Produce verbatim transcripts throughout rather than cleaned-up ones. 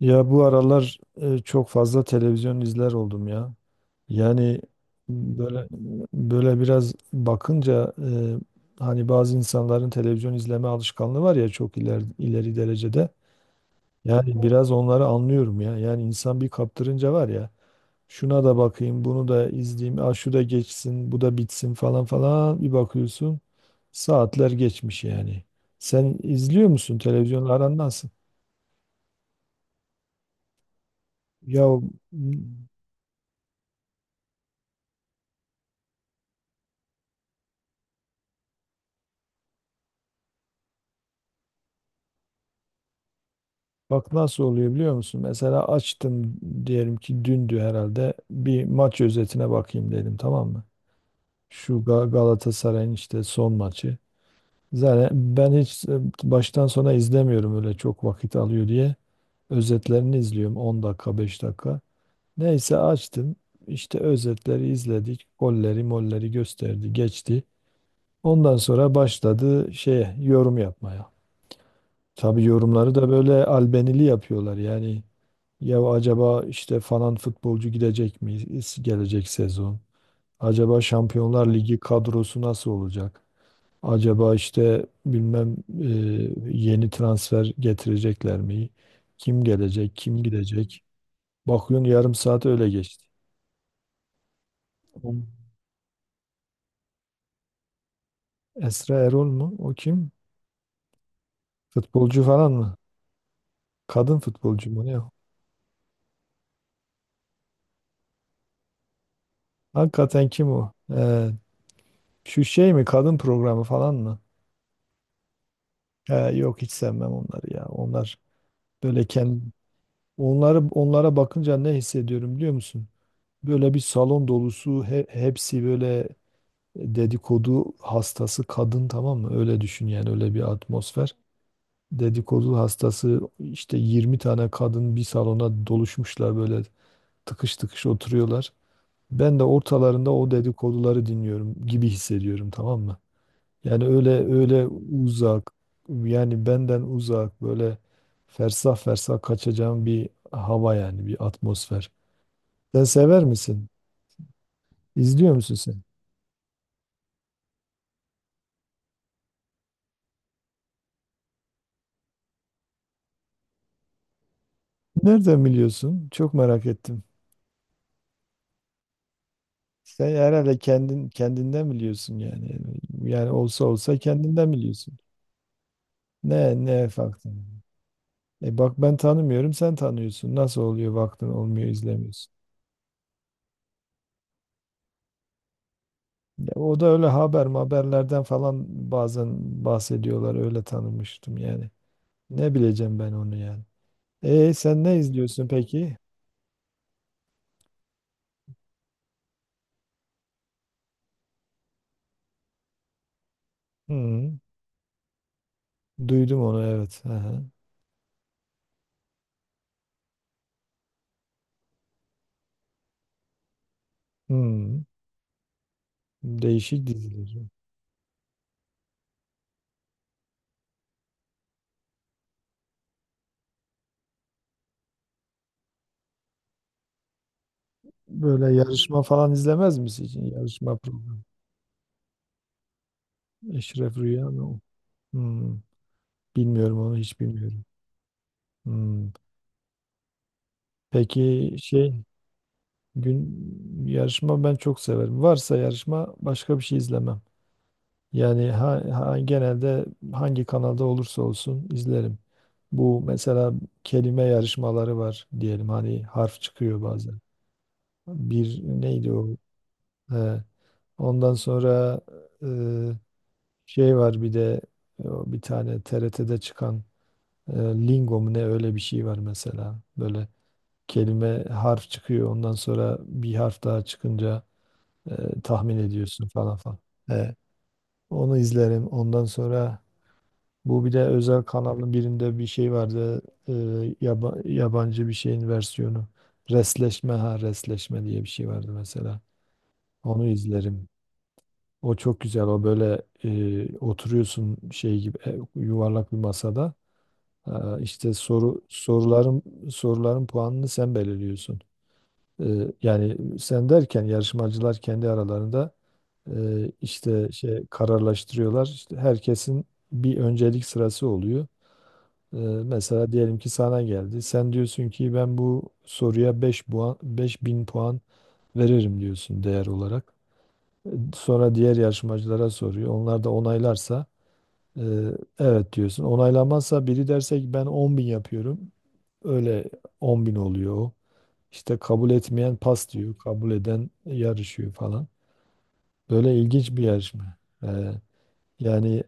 Ya bu aralar e, çok fazla televizyon izler oldum ya. Yani böyle böyle biraz bakınca e, hani bazı insanların televizyon izleme alışkanlığı var ya çok ileri, ileri derecede. Yani biraz onları anlıyorum ya. Yani insan bir kaptırınca var ya, şuna da bakayım, bunu da izleyeyim, ah şu da geçsin, bu da bitsin falan falan bir bakıyorsun saatler geçmiş yani. Sen izliyor musun, televizyonla aran nasıl? Ya, bak nasıl oluyor biliyor musun? Mesela açtım, diyelim ki dündü herhalde, bir maç özetine bakayım dedim, tamam mı? Şu Ga- Galatasaray'ın işte son maçı. Zaten ben hiç e, baştan sona izlemiyorum, öyle çok vakit alıyor diye. Özetlerini izliyorum, on dakika beş dakika. Neyse açtım, işte özetleri izledik. Golleri molleri gösterdi geçti. Ondan sonra başladı şeye yorum yapmaya. Tabii yorumları da böyle albenili yapıyorlar. Yani ya acaba işte falan futbolcu gidecek mi gelecek sezon? Acaba Şampiyonlar Ligi kadrosu nasıl olacak? Acaba işte bilmem e, yeni transfer getirecekler mi? Kim gelecek, kim gidecek? Bakıyorsun yarım saat öyle geçti. Tamam. Esra Erol mu? O kim? Futbolcu falan mı? Kadın futbolcu mu ne o? Hakikaten kim o? Ee, şu şey mi? Kadın programı falan mı? He, yok hiç sevmem onları ya. Onlar böyle kendi, onları, onlara bakınca ne hissediyorum biliyor musun? Böyle bir salon dolusu, he- hepsi böyle dedikodu hastası kadın, tamam mı? Öyle düşün yani, öyle bir atmosfer. Dedikodu hastası işte yirmi tane kadın bir salona doluşmuşlar, böyle tıkış tıkış oturuyorlar. Ben de ortalarında o dedikoduları dinliyorum gibi hissediyorum, tamam mı? Yani öyle öyle uzak, yani benden uzak, böyle fersah fersah kaçacağım bir hava, yani bir atmosfer. Sen sever misin? İzliyor musun sen? Nereden biliyorsun? Çok merak ettim. Sen herhalde kendin kendinden biliyorsun yani. Yani olsa olsa kendinden biliyorsun. Ne ne farklı? E bak, ben tanımıyorum, sen tanıyorsun. Nasıl oluyor, vaktin olmuyor izlemiyorsun? Ya o da öyle haber haberlerden falan bazen bahsediyorlar, öyle tanımıştım yani. Ne bileceğim ben onu yani. E sen ne izliyorsun peki? Hmm, duydum onu, evet. Aha. Hmm, değişik diziler. Böyle yarışma falan izlemez misin? Yarışma programı. Eşref Rüya mı o? Hmm, bilmiyorum onu, hiç bilmiyorum. Hmm, peki şey, gün, yarışma ben çok severim. Varsa yarışma başka bir şey izlemem. Yani ha, ha- genelde hangi kanalda olursa olsun izlerim. Bu mesela kelime yarışmaları var diyelim, hani harf çıkıyor bazen. Bir neydi o? He, ondan sonra e, şey var bir de, e, o bir tane T R T'de çıkan e, Lingo mu ne öyle bir şey var mesela. Böyle kelime, harf çıkıyor, ondan sonra bir harf daha çıkınca e, tahmin ediyorsun falan falan. He, onu izlerim. Ondan sonra bu bir de özel kanalın birinde bir şey vardı. e, yaba- Yabancı bir şeyin versiyonu. Resleşme, ha, resleşme diye bir şey vardı mesela. Onu izlerim. O çok güzel. O böyle e, oturuyorsun şey gibi, e, yuvarlak bir masada. Ha, işte soru soruların soruların puanını sen belirliyorsun. E, Yani sen derken yarışmacılar kendi aralarında e, işte şey kararlaştırıyorlar. İşte herkesin bir öncelik sırası oluyor. Ee, mesela diyelim ki sana geldi. Sen diyorsun ki ben bu soruya beş puan, beş bin puan veririm diyorsun değer olarak. Ee, Sonra diğer yarışmacılara soruyor. Onlar da onaylarsa e, evet diyorsun. Onaylamazsa, biri derse ki ben on bin yapıyorum, öyle on bin oluyor o. İşte kabul etmeyen pas diyor, kabul eden yarışıyor falan. Böyle ilginç bir yarışma. Ee, yani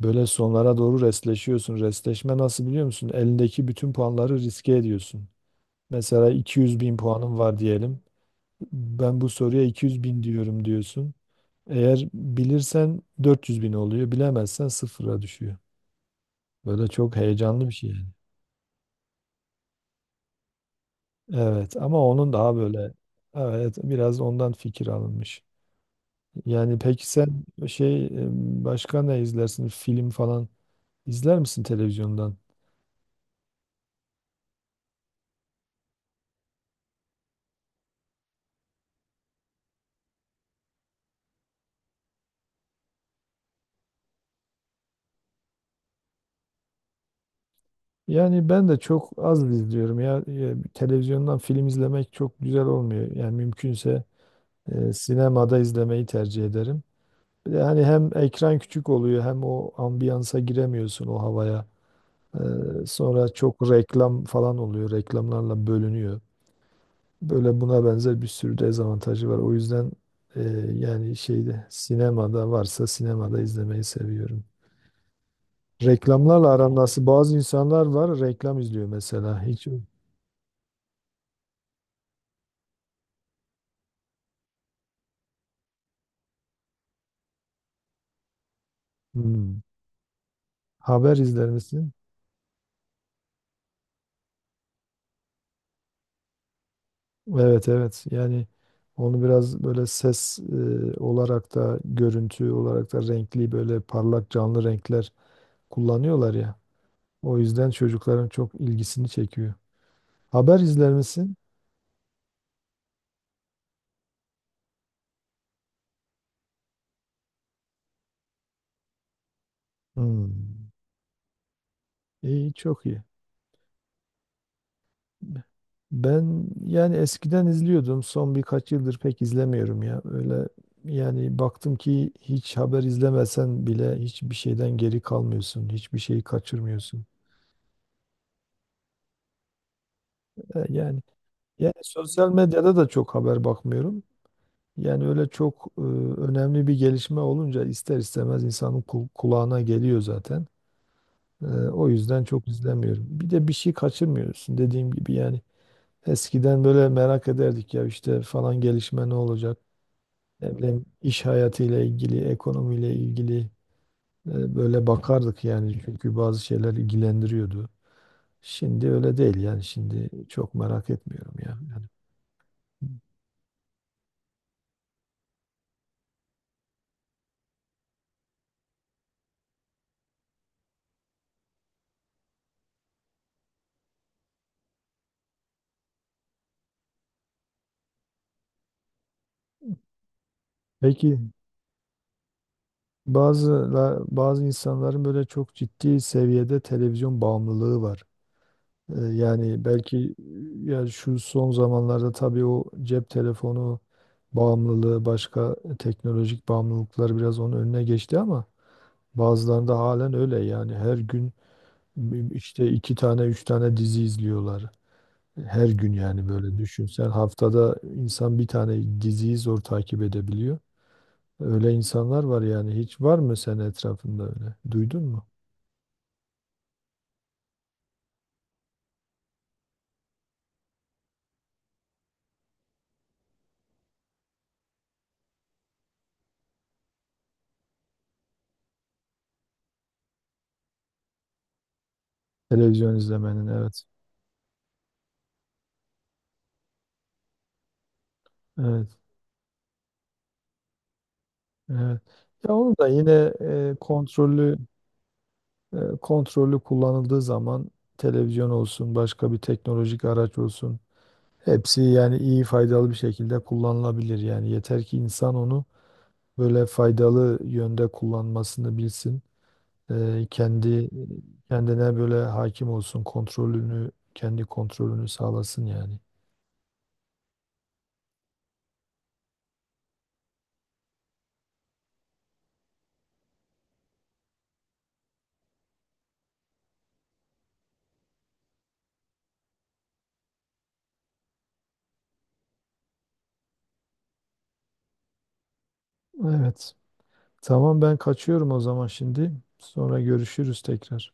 Böyle sonlara doğru restleşiyorsun. Restleşme nasıl biliyor musun? Elindeki bütün puanları riske ediyorsun. Mesela iki yüz bin puanım var diyelim. Ben bu soruya iki yüz bin diyorum diyorsun. Eğer bilirsen dört yüz bin oluyor, bilemezsen sıfıra düşüyor. Böyle çok heyecanlı bir şey yani. Evet, ama onun daha böyle, evet biraz ondan fikir alınmış. Yani peki sen şey, e, başka ne izlersin? Film falan izler misin televizyondan? Yani ben de çok az izliyorum ya. E, Televizyondan film izlemek çok güzel olmuyor. Yani mümkünse e, sinemada izlemeyi tercih ederim. Bir de hani hem ekran küçük oluyor, hem o ambiyansa giremiyorsun, o havaya. Ee, sonra çok reklam falan oluyor, reklamlarla bölünüyor. Böyle buna benzer bir sürü dezavantajı var. O yüzden e, yani şeyde, sinemada varsa sinemada izlemeyi seviyorum. Reklamlarla aram nasıl? Bazı insanlar var reklam izliyor mesela. Hiç. Hmm. Haber izler misin? Evet, evet, yani onu biraz böyle ses e, olarak da, görüntü olarak da renkli, böyle parlak canlı renkler kullanıyorlar ya. O yüzden çocukların çok ilgisini çekiyor. Haber izler misin? Hmm. İyi, çok iyi. Ben yani eskiden izliyordum, son birkaç yıldır pek izlemiyorum ya. Öyle yani baktım ki hiç haber izlemesen bile hiçbir şeyden geri kalmıyorsun, hiçbir şeyi kaçırmıyorsun. E, Yani Yani sosyal medyada da çok haber bakmıyorum. Yani öyle çok e, önemli bir gelişme olunca ister istemez insanın ku- kulağına geliyor zaten. E, o yüzden çok izlemiyorum. Bir de bir şey kaçırmıyorsun dediğim gibi yani. Eskiden böyle merak ederdik ya, işte falan gelişme ne olacak? Ne bileyim, iş hayatıyla ilgili, ekonomiyle ilgili e, böyle bakardık yani. Çünkü bazı şeyler ilgilendiriyordu. Şimdi öyle değil yani, şimdi çok merak etmiyorum ya. Yani peki bazı bazı insanların böyle çok ciddi seviyede televizyon bağımlılığı var. E, Yani belki e, ya şu son zamanlarda tabii o cep telefonu bağımlılığı, başka teknolojik bağımlılıklar biraz onun önüne geçti, ama bazılarında halen öyle yani, her gün işte iki tane üç tane dizi izliyorlar. Her gün yani, böyle düşün. Sen haftada, insan bir tane diziyi zor takip edebiliyor. Öyle insanlar var yani. Hiç var mı senin etrafında öyle? Duydun mu? Televizyon izlemenin, evet. Evet. Evet. Ya onu da yine e, kontrollü e, kontrollü kullanıldığı zaman, televizyon olsun, başka bir teknolojik araç olsun, hepsi yani iyi, faydalı bir şekilde kullanılabilir. Yani yeter ki insan onu böyle faydalı yönde kullanmasını bilsin. E, kendi kendine böyle hakim olsun, kontrolünü kendi kontrolünü sağlasın yani. Evet. Tamam, ben kaçıyorum o zaman şimdi. Sonra görüşürüz tekrar.